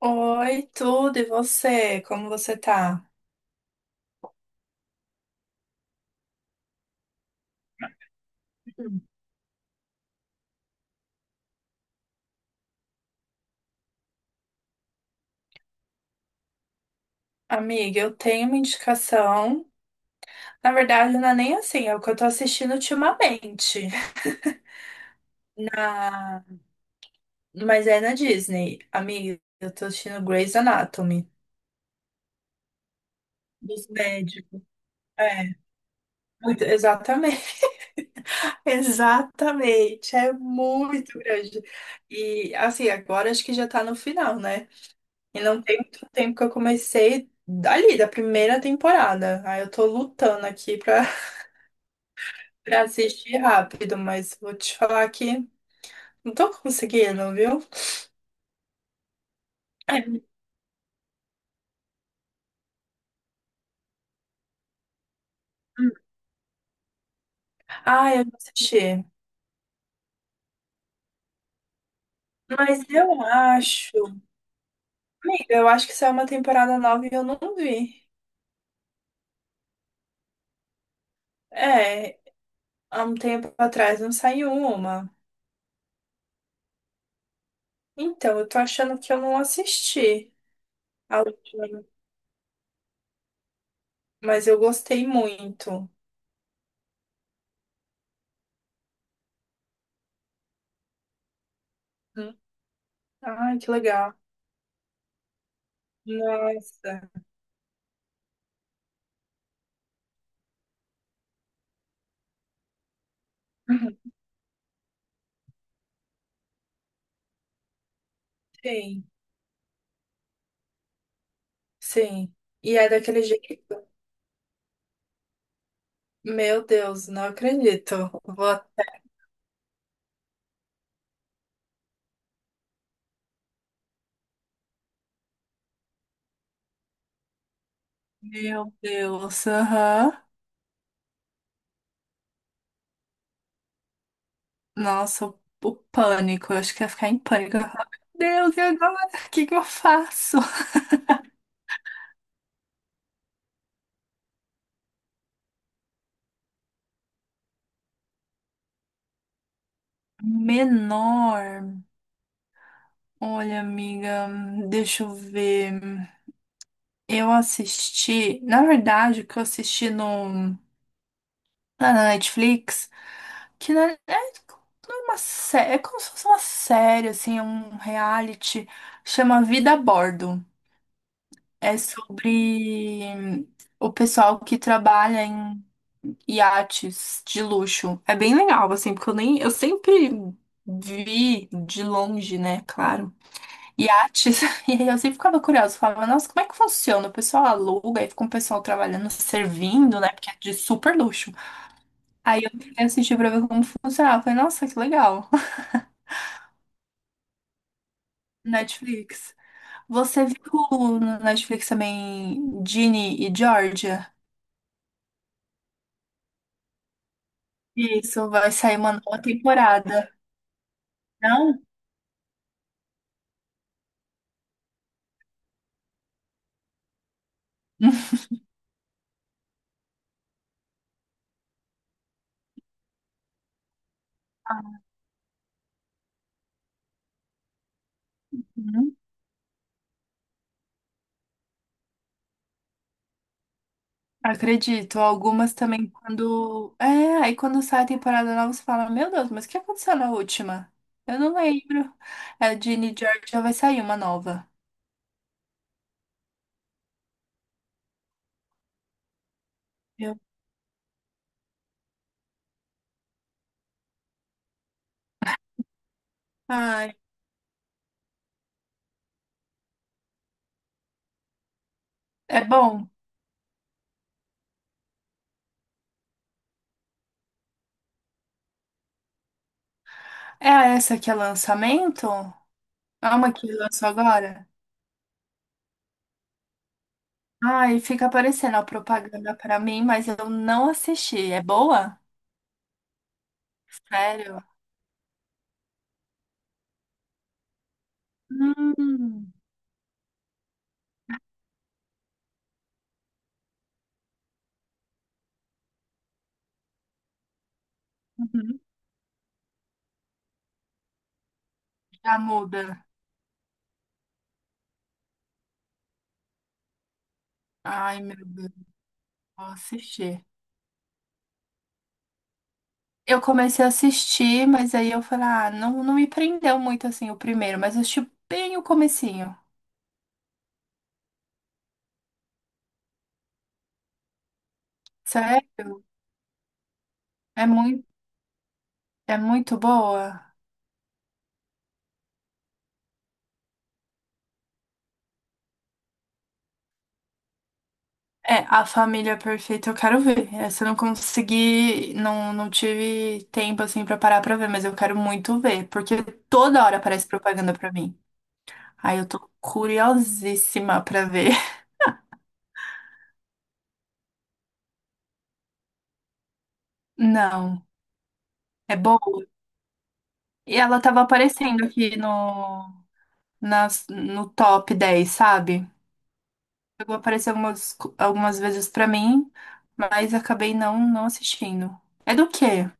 Oi, tudo, e você? Como você tá? Amiga, eu tenho uma indicação. Na verdade, não é nem assim, é o que eu tô assistindo ultimamente. Na... Mas é na Disney. Amiga, eu tô assistindo Grey's Anatomy. Dos médicos. É, exatamente. Exatamente. É muito grande. E, assim, agora acho que já tá no final, né? E não tem muito tempo que eu comecei dali, da primeira temporada. Aí eu tô lutando aqui pra assistir rápido, mas vou te falar que não tô conseguindo, viu? É. Ah, eu não assisti. Mas eu acho. Eu acho que saiu uma temporada nova e eu não vi. É, há um tempo atrás não saiu uma. Então, eu tô achando que eu não assisti a última, mas eu gostei muito. Hum. Ai, que legal. Nossa. Uhum. Sim, sim. E é daquele jeito. Meu Deus, não acredito. Vou Meu Deus, aham. Nossa, o pânico. Eu acho que ia ficar em pânico. Eu ia falar, meu Deus, e agora? O que que eu faço? Menor. Olha, amiga, deixa eu ver. Eu assisti, na verdade, o que eu assisti no, lá na Netflix, que não não é uma série, é como se fosse uma série, assim, é um reality, chama Vida a Bordo. É sobre o pessoal que trabalha em iates de luxo. É bem legal, assim, porque eu nem, eu sempre vi de longe, né? Claro. Iates. E aí eu sempre ficava curiosa, falava, nossa, como é que funciona? O pessoal aluga e fica um pessoal trabalhando, servindo, né? Porque é de super luxo. Aí eu fui assistir pra ver como funcionava. Eu falei, nossa, que legal. Netflix. Você viu no Netflix também Ginny e Georgia? Isso, vai sair uma nova temporada. Não? Acredito, algumas também quando. É, aí quando sai a temporada nova, você fala, meu Deus, mas o que aconteceu na última? Eu não lembro. É, Ginny George já vai sair uma nova. Eu- Ai, é bom. É essa que é lançamento? É uma que lançou agora? Ai, fica aparecendo a propaganda pra mim, mas eu não assisti. É boa? Sério? Hum. Uhum. Já muda. Ai, meu Deus, vou assistir. Eu comecei a assistir, mas aí eu falei, ah, não, não me prendeu muito assim o primeiro, mas eu assisti bem o comecinho. Sério? É muito, é muito boa. É, A Família Perfeita eu quero ver. Essa eu não consegui, não, não tive tempo assim pra parar pra ver, mas eu quero muito ver, porque toda hora aparece propaganda pra mim. Aí eu tô curiosíssima pra ver. Não, é boa. E ela tava aparecendo aqui no top 10, sabe? Chegou a aparecer algumas, algumas vezes pra mim, mas acabei não, não assistindo. É do quê?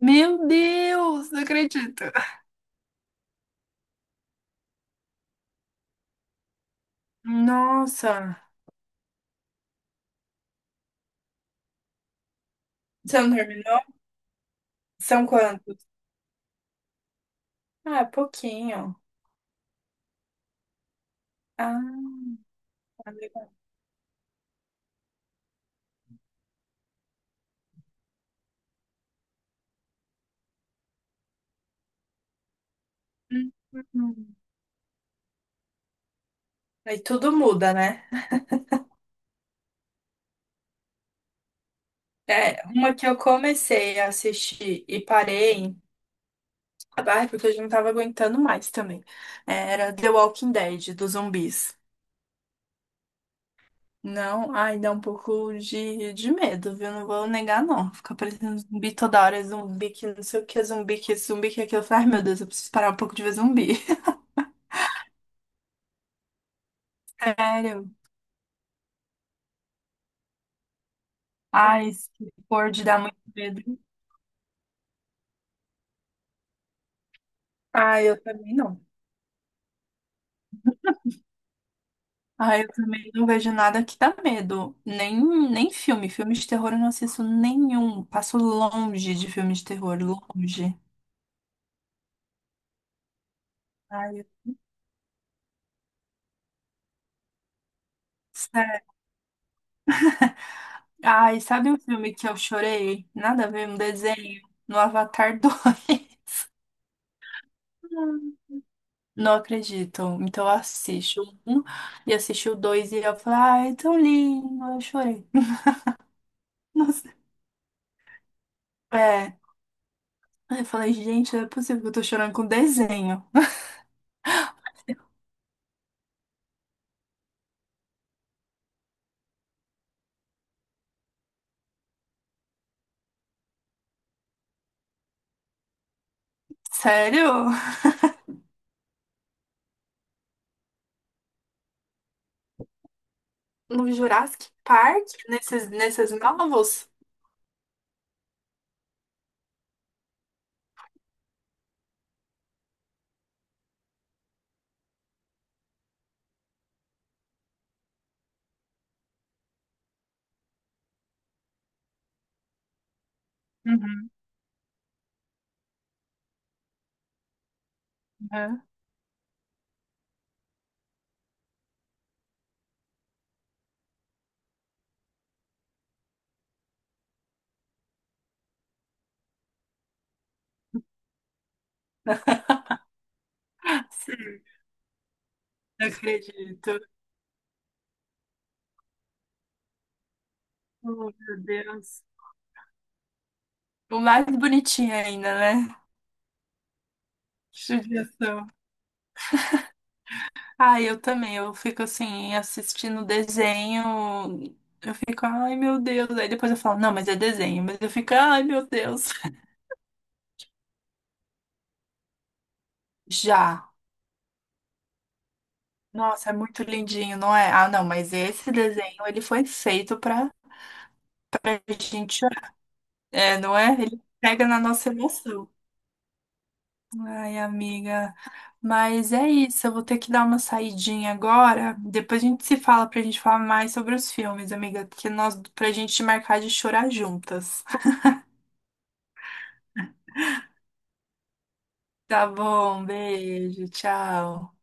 Meu Deus, não acredito. Nossa. Você não terminou? São quantos? Ah, é pouquinho. Ah, tá legal. Uhum. Aí tudo muda, né? É, uma que eu comecei a assistir e parei, ah, porque eu já não tava aguentando mais também. Era The Walking Dead, dos zumbis. Não, ai, dá um pouco de medo, viu? Não vou negar, não. Ficar parecendo zumbi toda hora, é zumbi que não sei o que, é zumbi que isso, zumbi que é aquilo. Eu falei, ai, meu Deus, eu preciso parar um pouco de ver zumbi. Sério? Ai, se for de dar muito medo. Ai, eu também não. Ai, eu também não vejo nada que dá medo. Nem, nem filme. Filme de terror eu não assisto nenhum. Passo longe de filme de terror, longe. Ai, sério. Ai, sabe um filme que eu chorei? Nada a ver, um desenho. No Avatar 2. Não acredito. Então eu assisto um e assisti o dois e eu falei, ai, é tão lindo. Eu chorei. Nossa. É. Aí eu falei, gente, não é possível que eu tô chorando com desenho. Sério? No Jurassic Park? Nesses novos? Uhum, né? Sim, não acredito. Oh, meu Deus. O mais bonitinho ainda, né? Judiação. Ah, eu também. Eu fico assim, assistindo desenho. Eu fico, ai meu Deus. Aí depois eu falo, não, mas é desenho. Mas eu fico, ai meu Deus. Já. Nossa, é muito lindinho, não é? Ah, não, mas esse desenho, ele foi feito pra gente chorar. É, não é? Ele pega na nossa emoção. Ai, amiga. Mas é isso, eu vou ter que dar uma saidinha agora. Depois a gente se fala pra gente falar mais sobre os filmes, amiga. Pra gente marcar de chorar juntas. Tá bom, beijo, tchau.